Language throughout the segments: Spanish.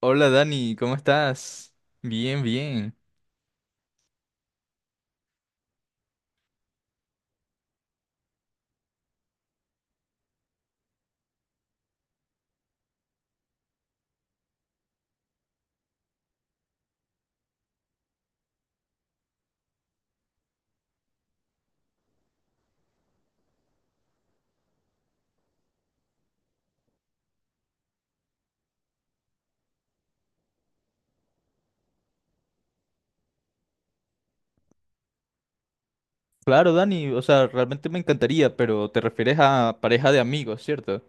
Hola Dani, ¿cómo estás? Bien, bien. Claro, Dani, o sea, realmente me encantaría, pero te refieres a pareja de amigos, ¿cierto?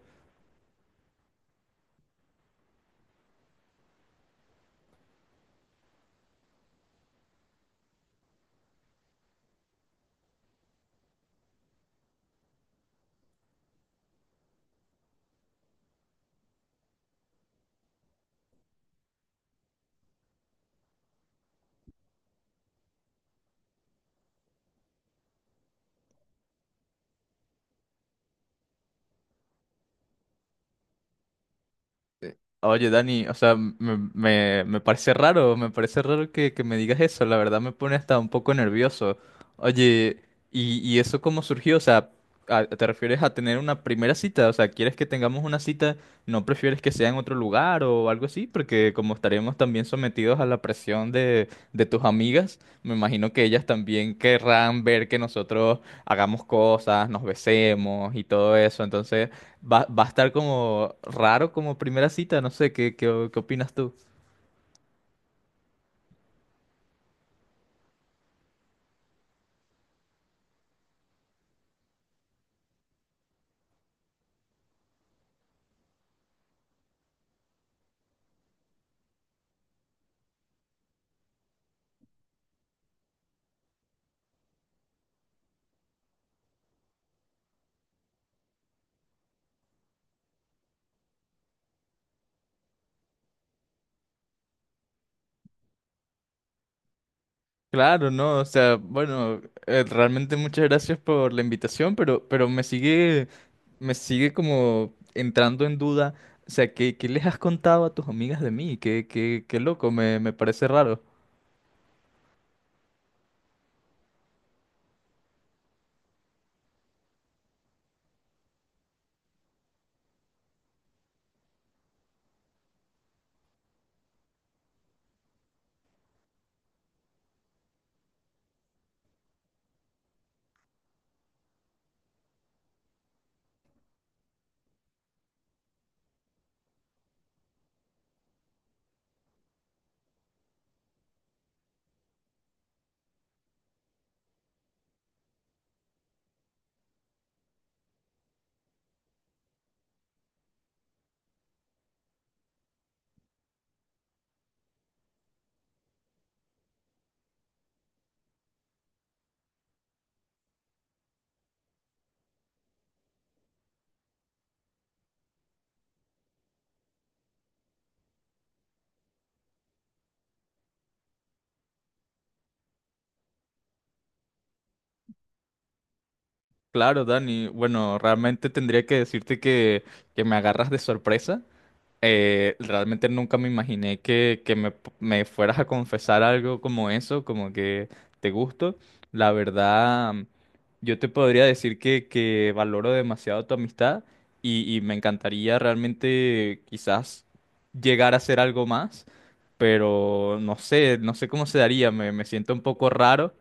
Oye, Dani, o sea, me parece raro, me parece raro que me digas eso, la verdad me pone hasta un poco nervioso. Oye, ¿y eso cómo surgió? O sea, ¿te refieres a tener una primera cita? O sea, ¿quieres que tengamos una cita? ¿No prefieres que sea en otro lugar o algo así? Porque como estaremos también sometidos a la presión de tus amigas, me imagino que ellas también querrán ver que nosotros hagamos cosas, nos besemos y todo eso. Entonces... Va a estar como raro como primera cita, no sé, ¿qué opinas tú? Claro, no, o sea, bueno, realmente muchas gracias por la invitación, pero, me sigue como entrando en duda, o sea, ¿qué, les has contado a tus amigas de mí? Qué, qué loco, me parece raro. Claro, Dani, bueno, realmente tendría que decirte que me agarras de sorpresa, realmente nunca me imaginé que me fueras a confesar algo como eso, como que te gusto. La verdad, yo te podría decir que valoro demasiado tu amistad y me encantaría realmente quizás llegar a hacer algo más, pero no sé, no sé cómo se daría, me siento un poco raro.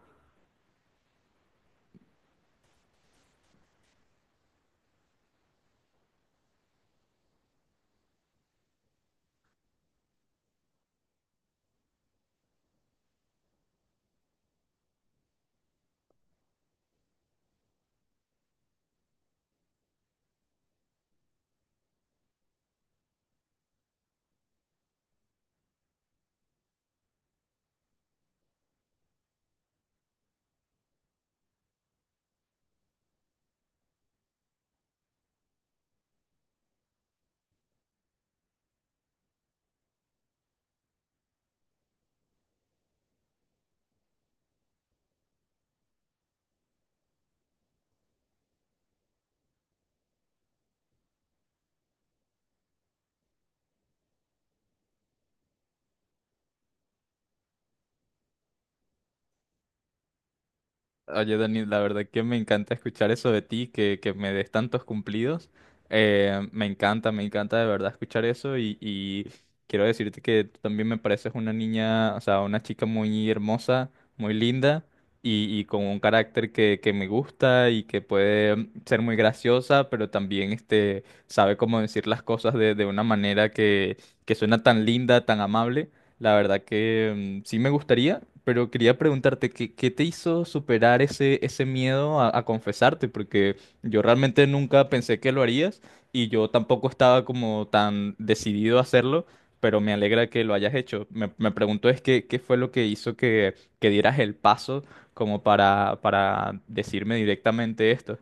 Oye, Dani, la verdad que me encanta escuchar eso de ti, que me des tantos cumplidos. Me encanta de verdad escuchar eso y quiero decirte que tú también me pareces una niña, o sea, una chica muy hermosa, muy linda y con un carácter que me gusta y que puede ser muy graciosa, pero también este, sabe cómo decir las cosas de una manera que suena tan linda, tan amable. La verdad que sí me gustaría, pero quería preguntarte, ¿qué, qué te hizo superar ese miedo a confesarte? Porque yo realmente nunca pensé que lo harías y yo tampoco estaba como tan decidido a hacerlo, pero me alegra que lo hayas hecho. Me pregunto es que, qué fue lo que hizo que dieras el paso como para decirme directamente esto.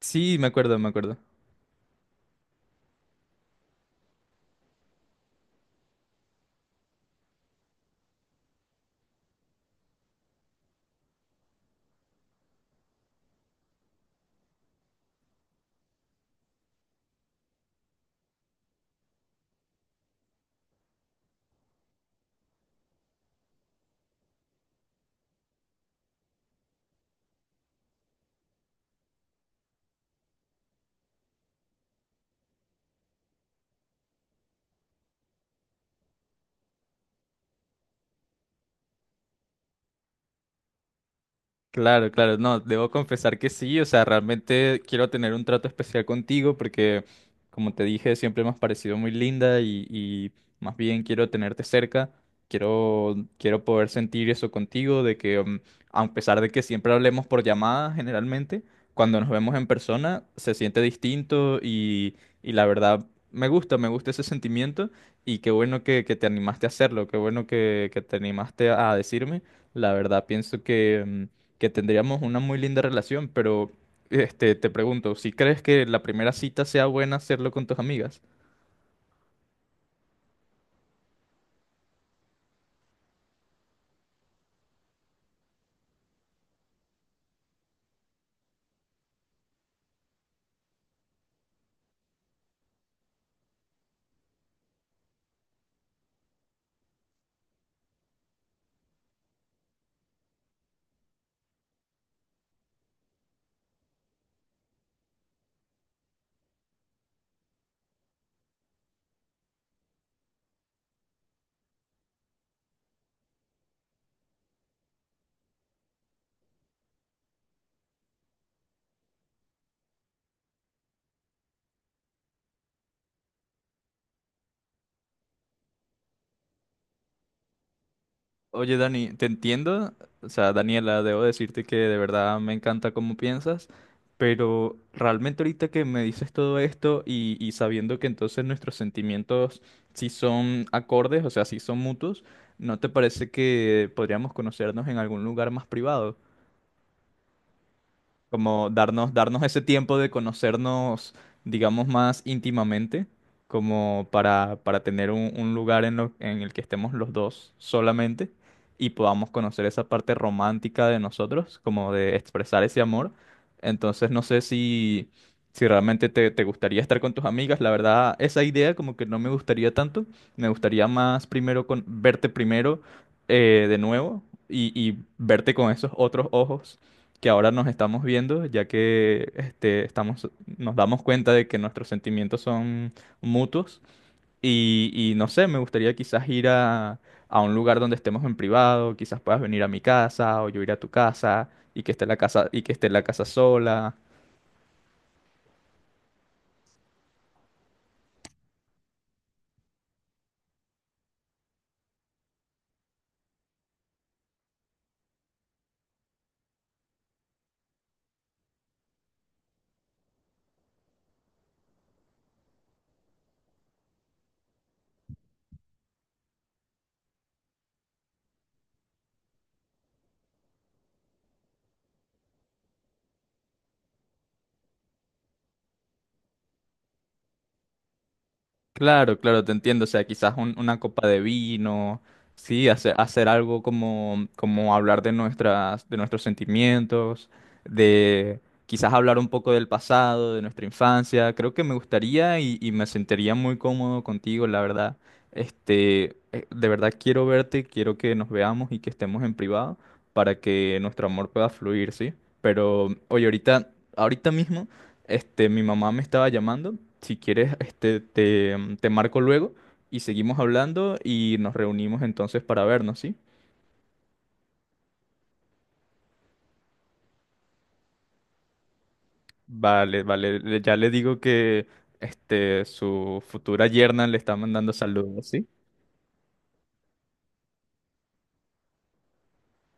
Sí, me acuerdo, me acuerdo. Claro, claro, no, debo confesar que sí, o sea, realmente quiero tener un trato especial contigo porque, como te dije, siempre me has parecido muy linda y más bien quiero tenerte cerca, quiero, quiero poder sentir eso contigo, de que a pesar de que siempre hablemos por llamada generalmente, cuando nos vemos en persona se siente distinto y la verdad me gusta ese sentimiento y qué bueno que te animaste a hacerlo, qué bueno que te animaste a decirme, la verdad pienso que... que tendríamos una muy linda relación, pero este, te pregunto, ¿si crees que la primera cita sea buena hacerlo con tus amigas? Oye, Dani, te entiendo, o sea, Daniela, debo decirte que de verdad me encanta cómo piensas, pero realmente ahorita que me dices todo esto y sabiendo que entonces nuestros sentimientos sí son acordes, o sea, sí son mutuos, ¿no te parece que podríamos conocernos en algún lugar más privado? Como darnos ese tiempo de conocernos, digamos, más íntimamente, como para tener un lugar en, en el que estemos los dos solamente y podamos conocer esa parte romántica de nosotros, como de expresar ese amor. Entonces, no sé si, si realmente te gustaría estar con tus amigas, la verdad, esa idea como que no me gustaría tanto, me gustaría más primero con, verte primero de nuevo. Y verte con esos otros ojos que ahora nos estamos viendo, ya que este, estamos, nos damos cuenta de que nuestros sentimientos son mutuos. Y no sé, me gustaría quizás ir a un lugar donde estemos en privado, quizás puedas venir a mi casa o yo ir a tu casa y que esté la casa, sola. Claro, claro, te entiendo. O sea, quizás una copa de vino, sí, hacer, hacer algo como, como hablar de de nuestros sentimientos, de quizás hablar un poco del pasado, de nuestra infancia. Creo que me gustaría y me sentiría muy cómodo contigo, la verdad. Este, de verdad quiero verte, quiero que nos veamos y que estemos en privado para que nuestro amor pueda fluir, ¿sí? Pero, oye, ahorita, ahorita mismo. Este, mi mamá me estaba llamando. Si quieres, este, te marco luego y seguimos hablando y nos reunimos entonces para vernos, ¿sí? Vale, vale. Ya le digo que este, su futura yerna le está mandando saludos, ¿sí?